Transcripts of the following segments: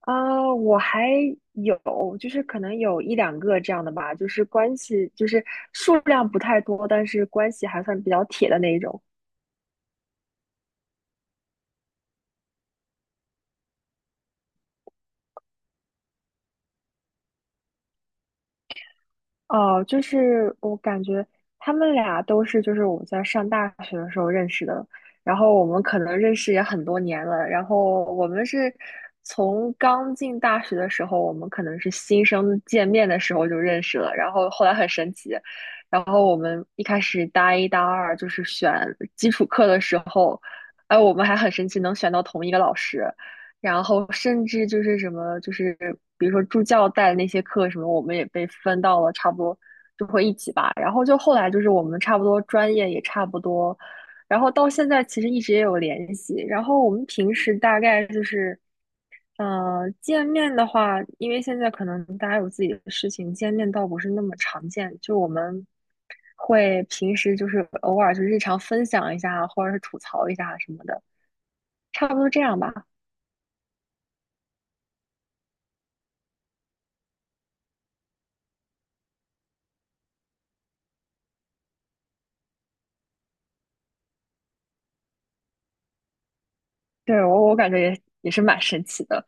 啊，我还有，就是可能有一两个这样的吧，就是关系，就是数量不太多，但是关系还算比较铁的那一种。哦，就是我感觉他们俩都是，就是我们在上大学的时候认识的，然后我们可能认识也很多年了，然后我们是从刚进大学的时候，我们可能是新生见面的时候就认识了，然后后来很神奇，然后我们一开始大一大二就是选基础课的时候，哎，我们还很神奇能选到同一个老师，然后甚至就是什么，就是比如说助教带的那些课什么，我们也被分到了差不多，就会一起吧。然后就后来就是我们差不多专业也差不多，然后到现在其实一直也有联系。然后我们平时大概就是，见面的话，因为现在可能大家有自己的事情，见面倒不是那么常见。就我们会平时就是偶尔就日常分享一下啊，或者是吐槽一下啊什么的，差不多这样吧。对，我感觉也是蛮神奇的，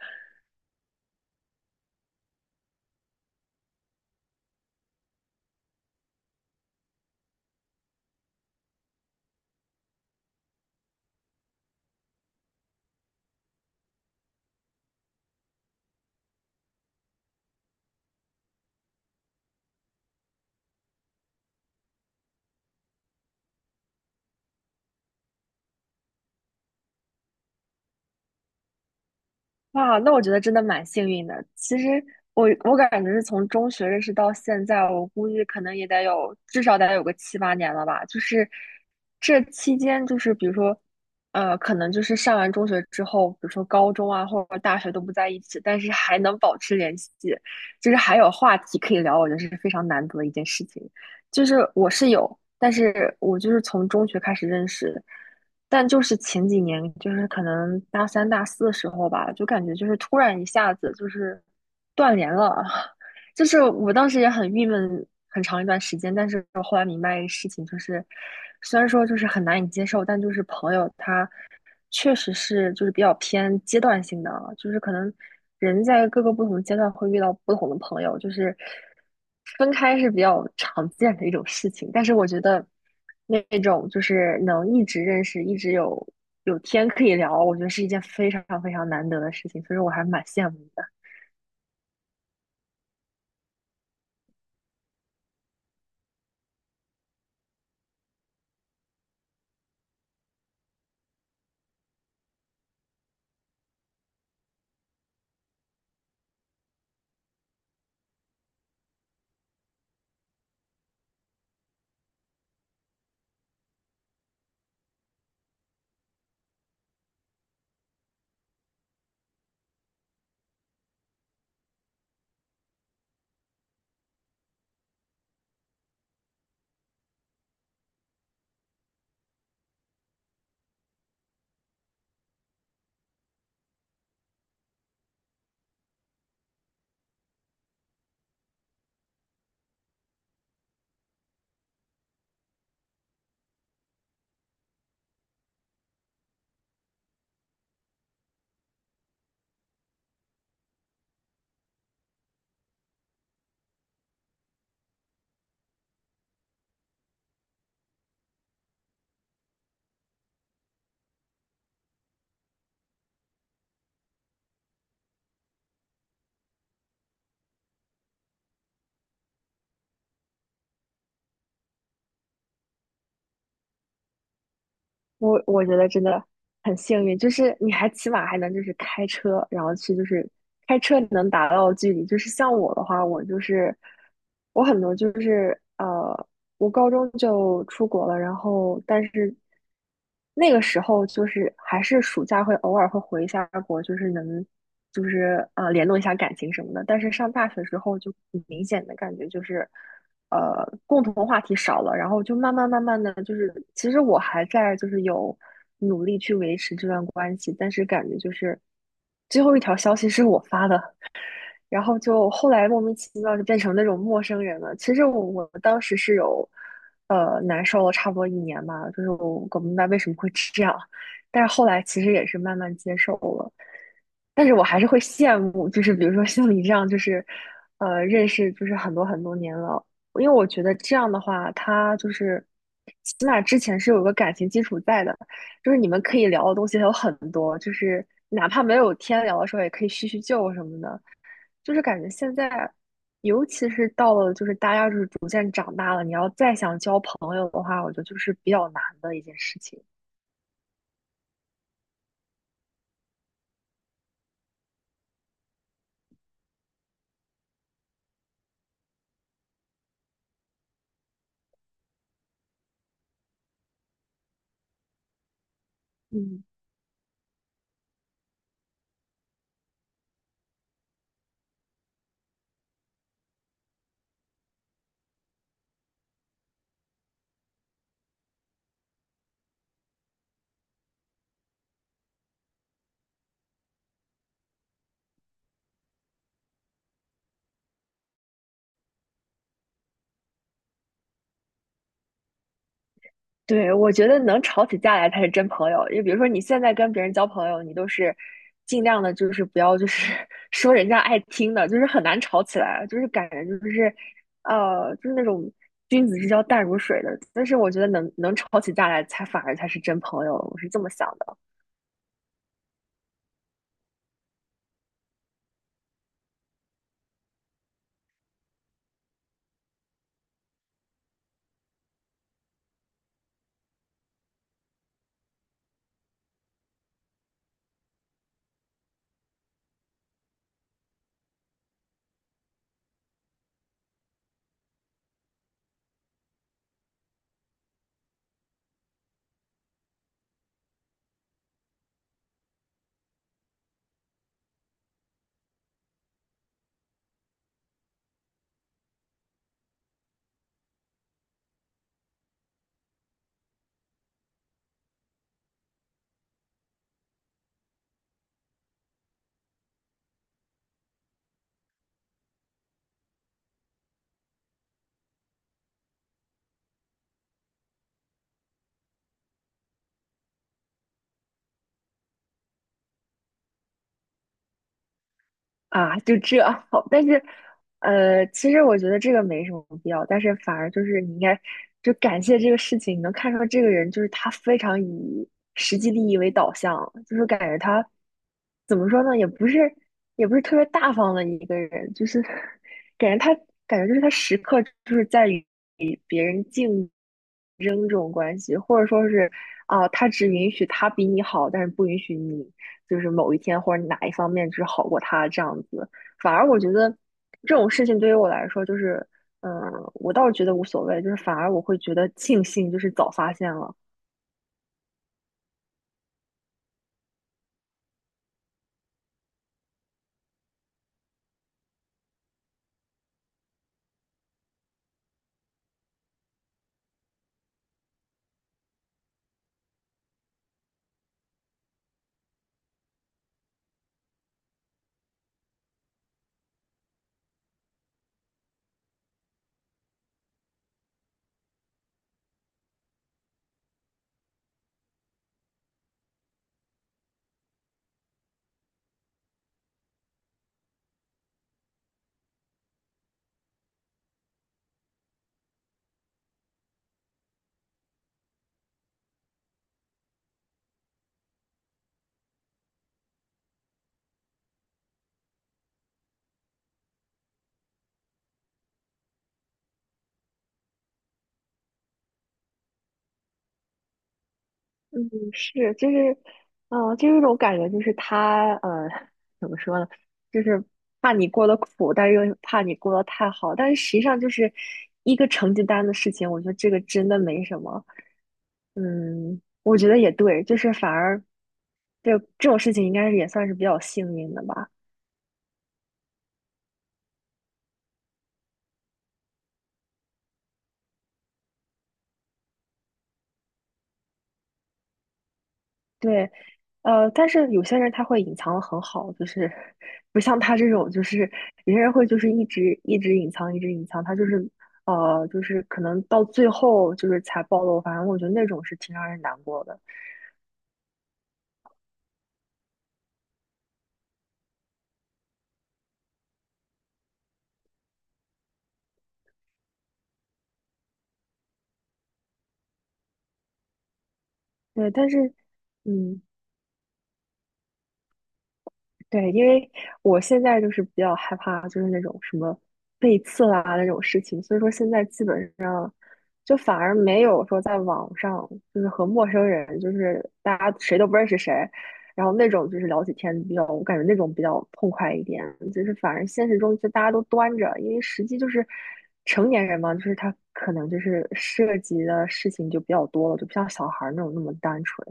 哇，那我觉得真的蛮幸运的。其实我感觉是从中学认识到现在，我估计可能也得有至少得有个七八年了吧。就是这期间，就是比如说，可能就是上完中学之后，比如说高中啊或者大学都不在一起，但是还能保持联系，就是还有话题可以聊，我觉得是非常难得的一件事情。就是我是有，但是我就是从中学开始认识的，但就是前几年，就是可能大三、大四的时候吧，就感觉就是突然一下子就是断联了，就是我当时也很郁闷，很长一段时间，但是我后来明白一个事情，就是虽然说就是很难以接受，但就是朋友他确实是就是比较偏阶段性的，啊，就是可能人在各个不同的阶段会遇到不同的朋友，就是分开是比较常见的一种事情。但是我觉得那种就是能一直认识，一直有有天可以聊，我觉得是一件非常非常难得的事情，所以说我还蛮羡慕的。我觉得真的很幸运，就是你还起码还能就是开车，然后去就是开车你能达到的距离，就是像我的话，我就是我很多就是我高中就出国了，然后但是那个时候就是还是暑假会偶尔会回一下国，就是能就是联络一下感情什么的，但是上大学之后就明显的感觉就是。共同话题少了，然后就慢慢慢慢的就是，其实我还在就是有努力去维持这段关系，但是感觉就是最后一条消息是我发的，然后就后来莫名其妙就变成那种陌生人了。其实我当时是有，难受了差不多一年吧，就是我搞不明白为什么会这样，但是后来其实也是慢慢接受了。但是我还是会羡慕，就是比如说像你这样，就是，认识就是很多很多年了，因为我觉得这样的话，他就是起码之前是有个感情基础在的，就是你们可以聊的东西还有很多，就是哪怕没有天聊的时候，也可以叙叙旧什么的。就是感觉现在，尤其是到了就是大家就是逐渐长大了，你要再想交朋友的话，我觉得就是比较难的一件事情。嗯，对，我觉得能吵起架来才是真朋友。就比如说你现在跟别人交朋友，你都是尽量的，就是不要就是 说人家爱听的，就是很难吵起来，就是感觉就是就是那种君子之交淡如水的。但是我觉得能吵起架来才反而才是真朋友，我是这么想的。啊，就这好，但是，其实我觉得这个没什么必要，但是反而就是你应该就感谢这个事情，你能看出来这个人就是他非常以实际利益为导向，就是感觉他怎么说呢，也不是特别大方的一个人，就是 感觉他感觉就是他时刻就是在于。别人竞争这种关系，或者说是啊，他只允许他比你好，但是不允许你就是某一天或者哪一方面只好过他这样子。反而我觉得这种事情对于我来说，就是嗯，我倒是觉得无所谓，就是反而我会觉得庆幸，就是早发现了。嗯，是，就是，嗯、就有一种感觉，就是他，怎么说呢，就是怕你过得苦，但是又怕你过得太好，但是实际上就是一个成绩单的事情，我觉得这个真的没什么。嗯，我觉得也对，就是反而，就这种事情应该是也算是比较幸运的吧。对，但是有些人他会隐藏的很好，就是不像他这种，就是有些人会就是一直隐藏，一直隐藏，他就是就是可能到最后就是才暴露。反正我觉得那种是挺让人难过的。对，但是嗯，对，因为我现在就是比较害怕，就是那种什么背刺啦那种事情，所以说现在基本。就反而没有说在网上就是和陌生人，就是大家谁都不认识谁，然后那种就是聊起天比较，我感觉那种比较痛快一点。就是反而现实中就大家都端着，因为实际就是成年人嘛，就是他可能就是涉及的事情就比较多了，就不像小孩儿那种那么单纯。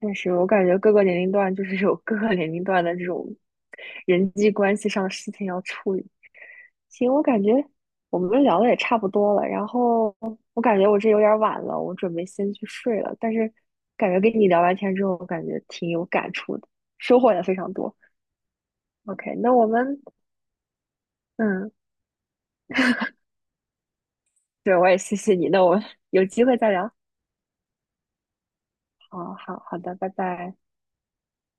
但是我感觉各个年龄段就是有各个年龄段的这种人际关系上的事情要处理。行，我感觉我们聊的也差不多了，然后我感觉我这有点晚了，我准备先去睡了。但是感觉跟你聊完天之后，我感觉挺有感触的，收获也非常多。OK,那我们嗯，对，我也谢谢你，那我们有机会再聊。好好好的，拜拜。